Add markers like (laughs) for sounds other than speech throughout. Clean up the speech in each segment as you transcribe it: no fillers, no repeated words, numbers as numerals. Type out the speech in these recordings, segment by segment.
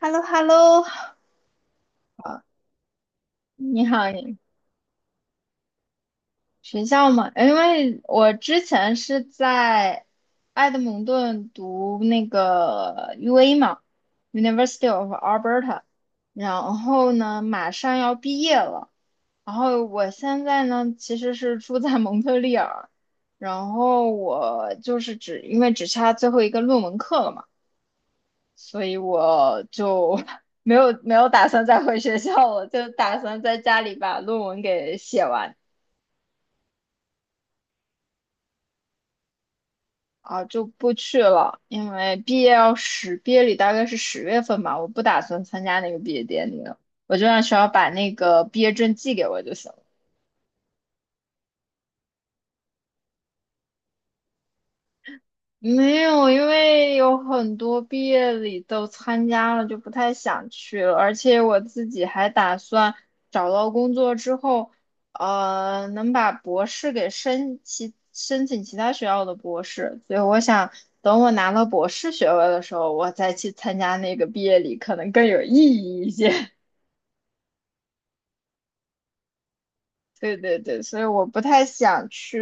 h e l l o h e l l o 你好，你学校吗？因为我之前是在埃德蒙顿读那个 UA 嘛，University of Alberta，然后呢，马上要毕业了。然后我现在呢，其实是住在蒙特利尔，然后我就是只因为只差最后一个论文课了嘛。所以我就 (laughs) 没有打算再回学校了，就打算在家里把论文给写完啊，就不去了，因为毕业礼大概是十月份吧，我不打算参加那个毕业典礼了，我就让学校把那个毕业证寄给我就行。没有，因为有很多毕业礼都参加了，就不太想去了。而且我自己还打算找到工作之后，能把博士给申请其他学校的博士。所以我想等我拿到博士学位的时候，我再去参加那个毕业礼，可能更有意义一些。对对对，所以我不太想去，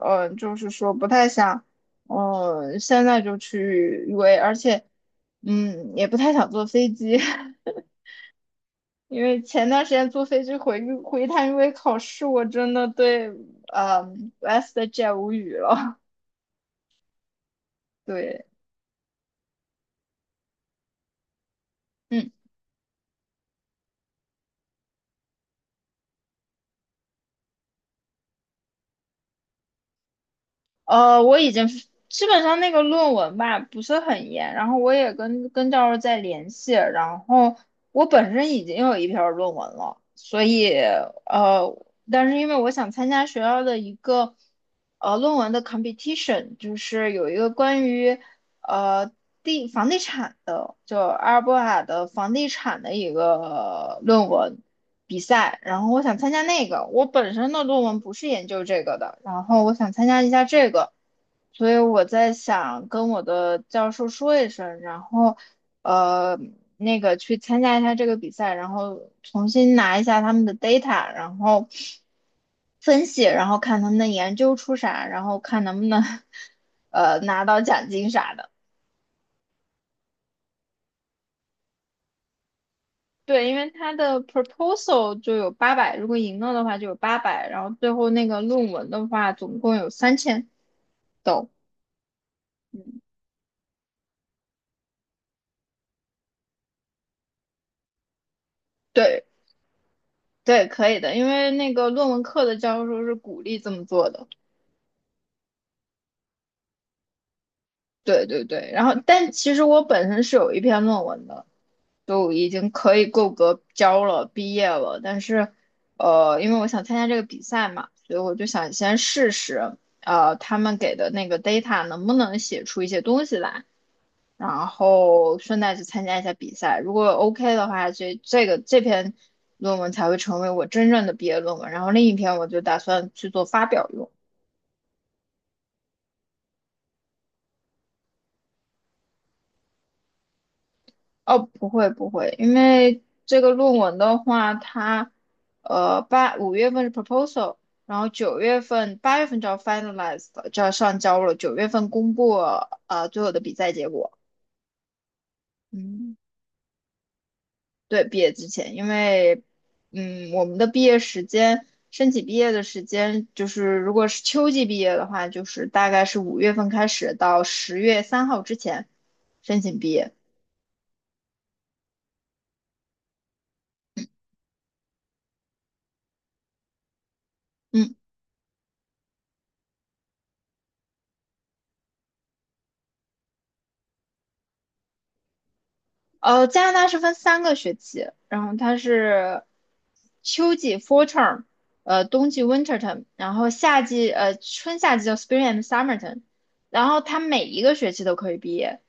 就是说不太想，现在就去 UA，而且，也不太想坐飞机，(laughs) 因为前段时间坐飞机回一趟 UA 考试，我真的对，w e s t j e t 无语了。(laughs) 对，嗯。我已经基本上那个论文吧不是很严，然后我也跟教授在联系，然后我本身已经有一篇论文了，所以呃，但是因为我想参加学校的一个论文的 competition，就是有一个关于呃房地产的，就阿尔伯塔的房地产的一个论文，比赛，然后我想参加那个。我本身的论文不是研究这个的，然后我想参加一下这个，所以我在想跟我的教授说一声，然后呃去参加一下这个比赛，然后重新拿一下他们的 data，然后分析，然后看他们的研究出啥，然后看能不能 (laughs) 拿到奖金啥的。对，因为他的 proposal 就有八百，如果赢了的话就有八百，然后最后那个论文的话总共有3000都，嗯，对对，可以的，因为那个论文课的教授是鼓励这么做的，对对对，然后但其实我本身是有一篇论文的，就已经可以够格交了，毕业了，但是因为我想参加这个比赛嘛，所以我就想先试试，他们给的那个 data 能不能写出一些东西来。然后顺带去参加一下比赛。如果 OK 的话，这篇论文才会成为我真正的毕业论文。然后另一篇我就打算去做发表用。哦，不会不会，因为这个论文的话，它五月份是 proposal，然后九月份八月份就要 finalize 了，就要上交了，九月份公布最后的比赛结果。嗯。对，毕业之前，因为，我们的毕业时间，申请毕业的时间，就是如果是秋季毕业的话，就是大概是五月份开始到10月3号之前申请毕业。嗯，加拿大是分三个学期，然后它是秋季 （fall term），冬季 （winter term），然后夏季，春夏季叫 spring and summer term，然后它每一个学期都可以毕业。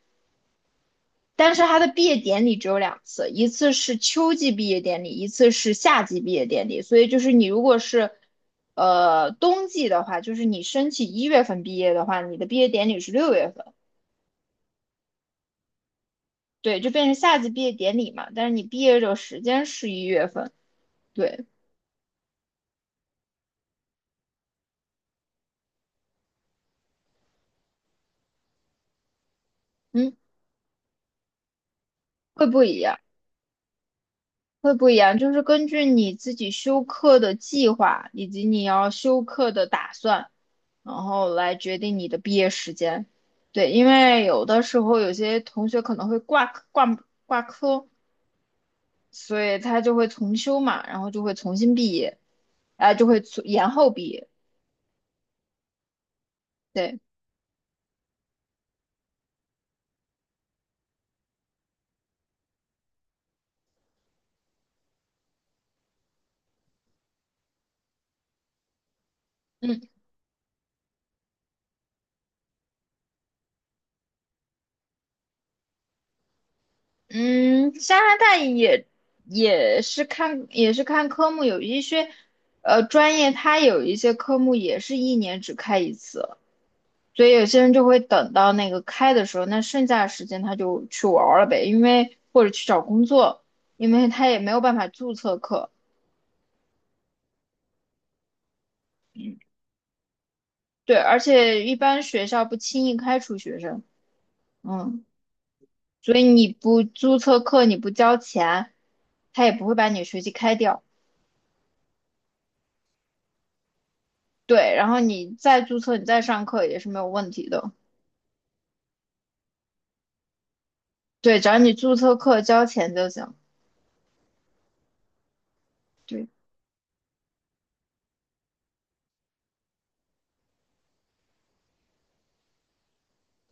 但是他的毕业典礼只有两次，一次是秋季毕业典礼，一次是夏季毕业典礼。所以就是你如果是，冬季的话，就是你申请一月份毕业的话，你的毕业典礼是六月份，对，就变成夏季毕业典礼嘛。但是你毕业的时间是一月份，对，嗯，会不一样，会不一样，就是根据你自己修课的计划以及你要修课的打算。然后来决定你的毕业时间。对，因为有的时候有些同学可能会挂科挂科，所以他就会重修嘛，然后就会重新毕业，啊，就会延后毕业。对，嗯嗯，加拿大也是看科目，有一些专业它有一些科目也是一年只开一次。所以有些人就会等到那个开的时候，那剩下的时间他就去玩儿了呗，因为或者去找工作，因为他也没有办法注册课。对，而且一般学校不轻易开除学生，嗯，所以你不注册课，你不交钱，他也不会把你学籍开掉。对，然后你再注册，你再上课也是没有问题的。对，只要你注册课交钱就行。对。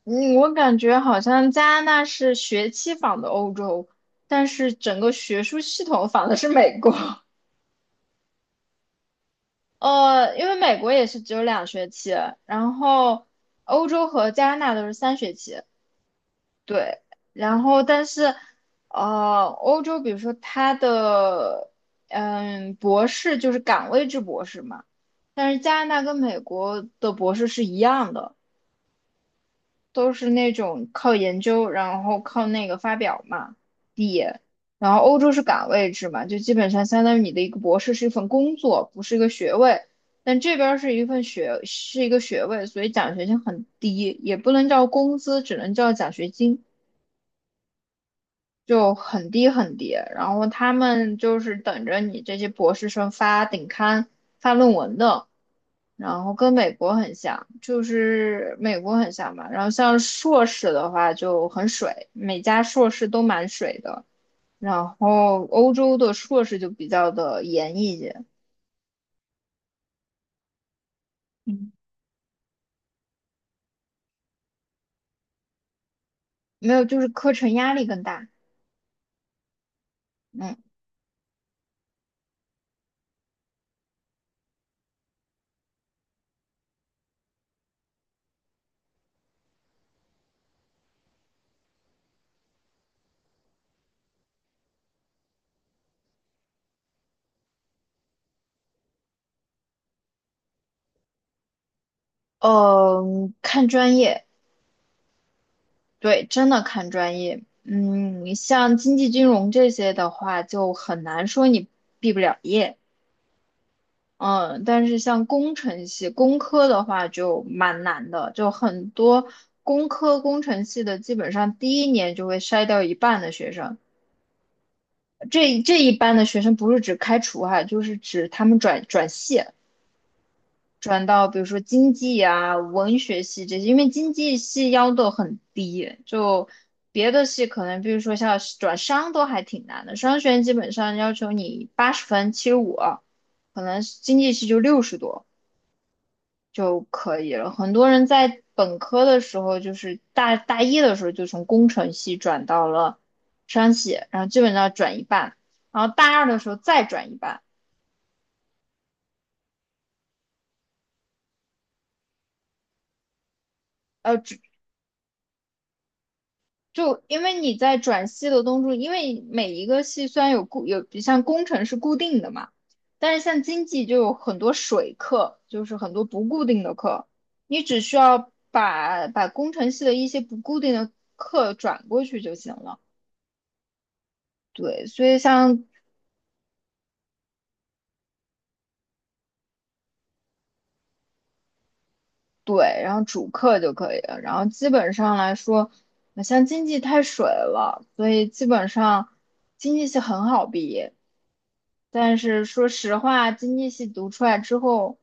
嗯，我感觉好像加拿大是学期仿的欧洲，但是整个学术系统仿的是美国。(laughs) 因为美国也是只有两学期，然后欧洲和加拿大都是三学期。对，然后但是，欧洲比如说它的博士就是岗位制博士嘛，但是加拿大跟美国的博士是一样的。都是那种靠研究，然后靠那个发表嘛，毕业。然后欧洲是岗位制嘛，就基本上相当于你的一个博士是一份工作，不是一个学位。但这边儿是一份学，是一个学位，所以奖学金很低，也不能叫工资，只能叫奖学金。就很低很低，然后他们就是等着你这些博士生发顶刊、发论文的，然后跟美国很像，就是美国很像吧。然后像硕士的话就很水，每家硕士都蛮水的。然后欧洲的硕士就比较的严一些，嗯，没有，就是课程压力更大，嗯，呃，看专业，对，真的看专业。嗯，像经济金融这些的话，就很难说你毕不了业。嗯，但是像工程系、工科的话就蛮难的，就很多工科、工程系的，基本上第一年就会筛掉一半的学生。这一半的学生不是指开除哈，就是指他们转系。转到比如说经济啊、文学系这些，因为经济系要求很低，就别的系可能，比如说像转商都还挺难的，商学院基本上要求你80分、75，可能经济系就60多就可以了。很多人在本科的时候，就是大一的时候就从工程系转到了商系，然后基本上转一半，然后大二的时候再转一半。呃就因为你在转系的东西，因为每一个系虽然有固有，像工程是固定的嘛，但是像经济就有很多水课，就是很多不固定的课，你只需要把工程系的一些不固定的课转过去就行了。对，所以像对，然后主课就可以了，然后基本上来说，像经济太水了，所以基本上经济系很好毕业。但是说实话，经济系读出来之后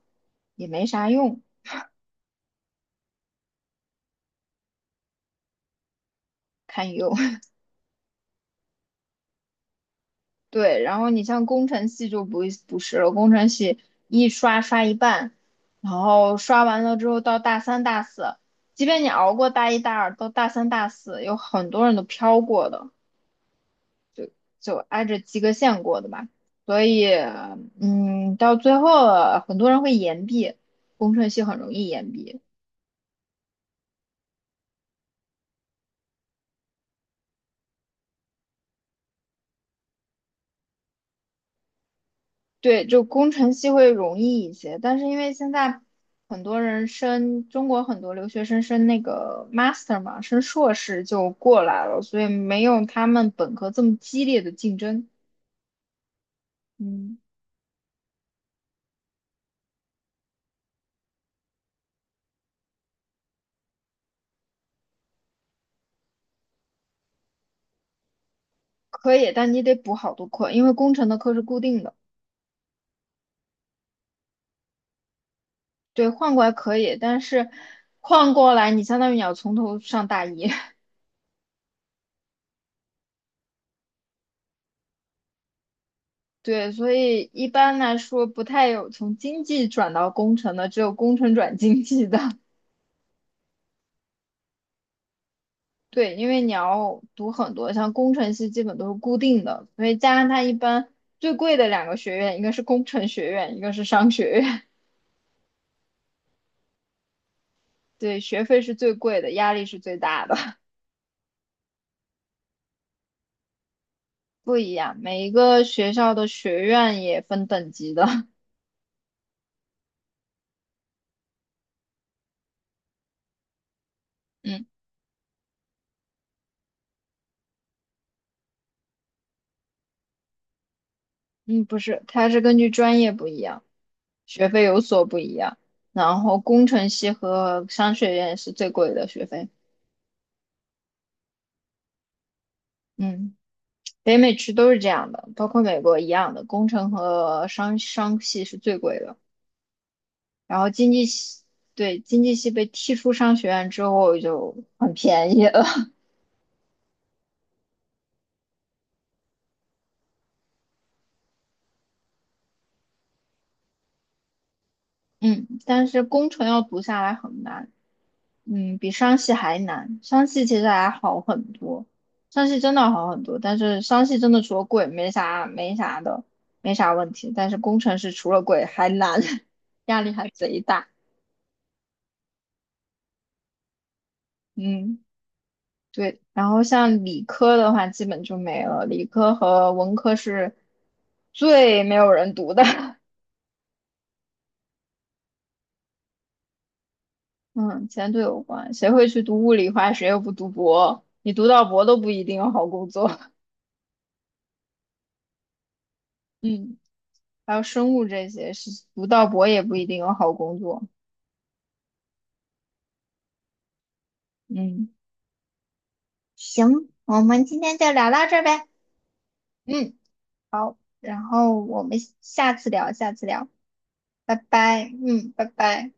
也没啥用，堪忧。(laughs) 对，然后你像工程系就不是了，工程系一刷刷一半，然后刷完了之后到大三大四，即便你熬过大一大二，到大三大四有很多人都飘过的，就挨着及格线过的吧。所以，嗯，到最后很多人会延毕，工程系很容易延毕。对，就工程系会容易一些，但是因为现在很多人升，中国很多留学生升那个 master 嘛，升硕士就过来了，所以没有他们本科这么激烈的竞争。嗯，可以，但你得补好多课，因为工程的课是固定的。对，换过来可以，但是换过来你相当于你要从头上大一。(laughs) 对，所以一般来说不太有从经济转到工程的，只有工程转经济的。对，因为你要读很多，像工程系基本都是固定的，所以加上它一般最贵的两个学院，一个是工程学院，一个是商学院，(laughs) 对，学费是最贵的，压力是最大的，(laughs) 不一样。每一个学校的学院也分等级的，(laughs) 嗯嗯，不是，它是根据专业不一样，学费有所不一样。然后工程系和商学院是最贵的学费，嗯。北美区都是这样的，包括美国一样的，工程和商系是最贵的。然后经济系，对，经济系被踢出商学院之后就很便宜了。(laughs) 嗯，但是工程要读下来很难，嗯，比商系还难。商系其实还好很多，商系真的好很多，但是商系真的除了贵没啥的，没啥问题。但是工程是除了贵还难，(laughs) 压力还贼大。嗯，对。然后像理科的话，基本就没了，理科和文科是最没有人读的。(laughs) 嗯，钱途有关。谁会去读物理化？谁又不读博？你读到博都不一定有好工作。(laughs) 嗯，还有生物这些是读到博也不一定有好工作。嗯行，我们今天就聊到这儿呗。嗯，然后我们下次聊，下次聊，拜拜。嗯，拜拜。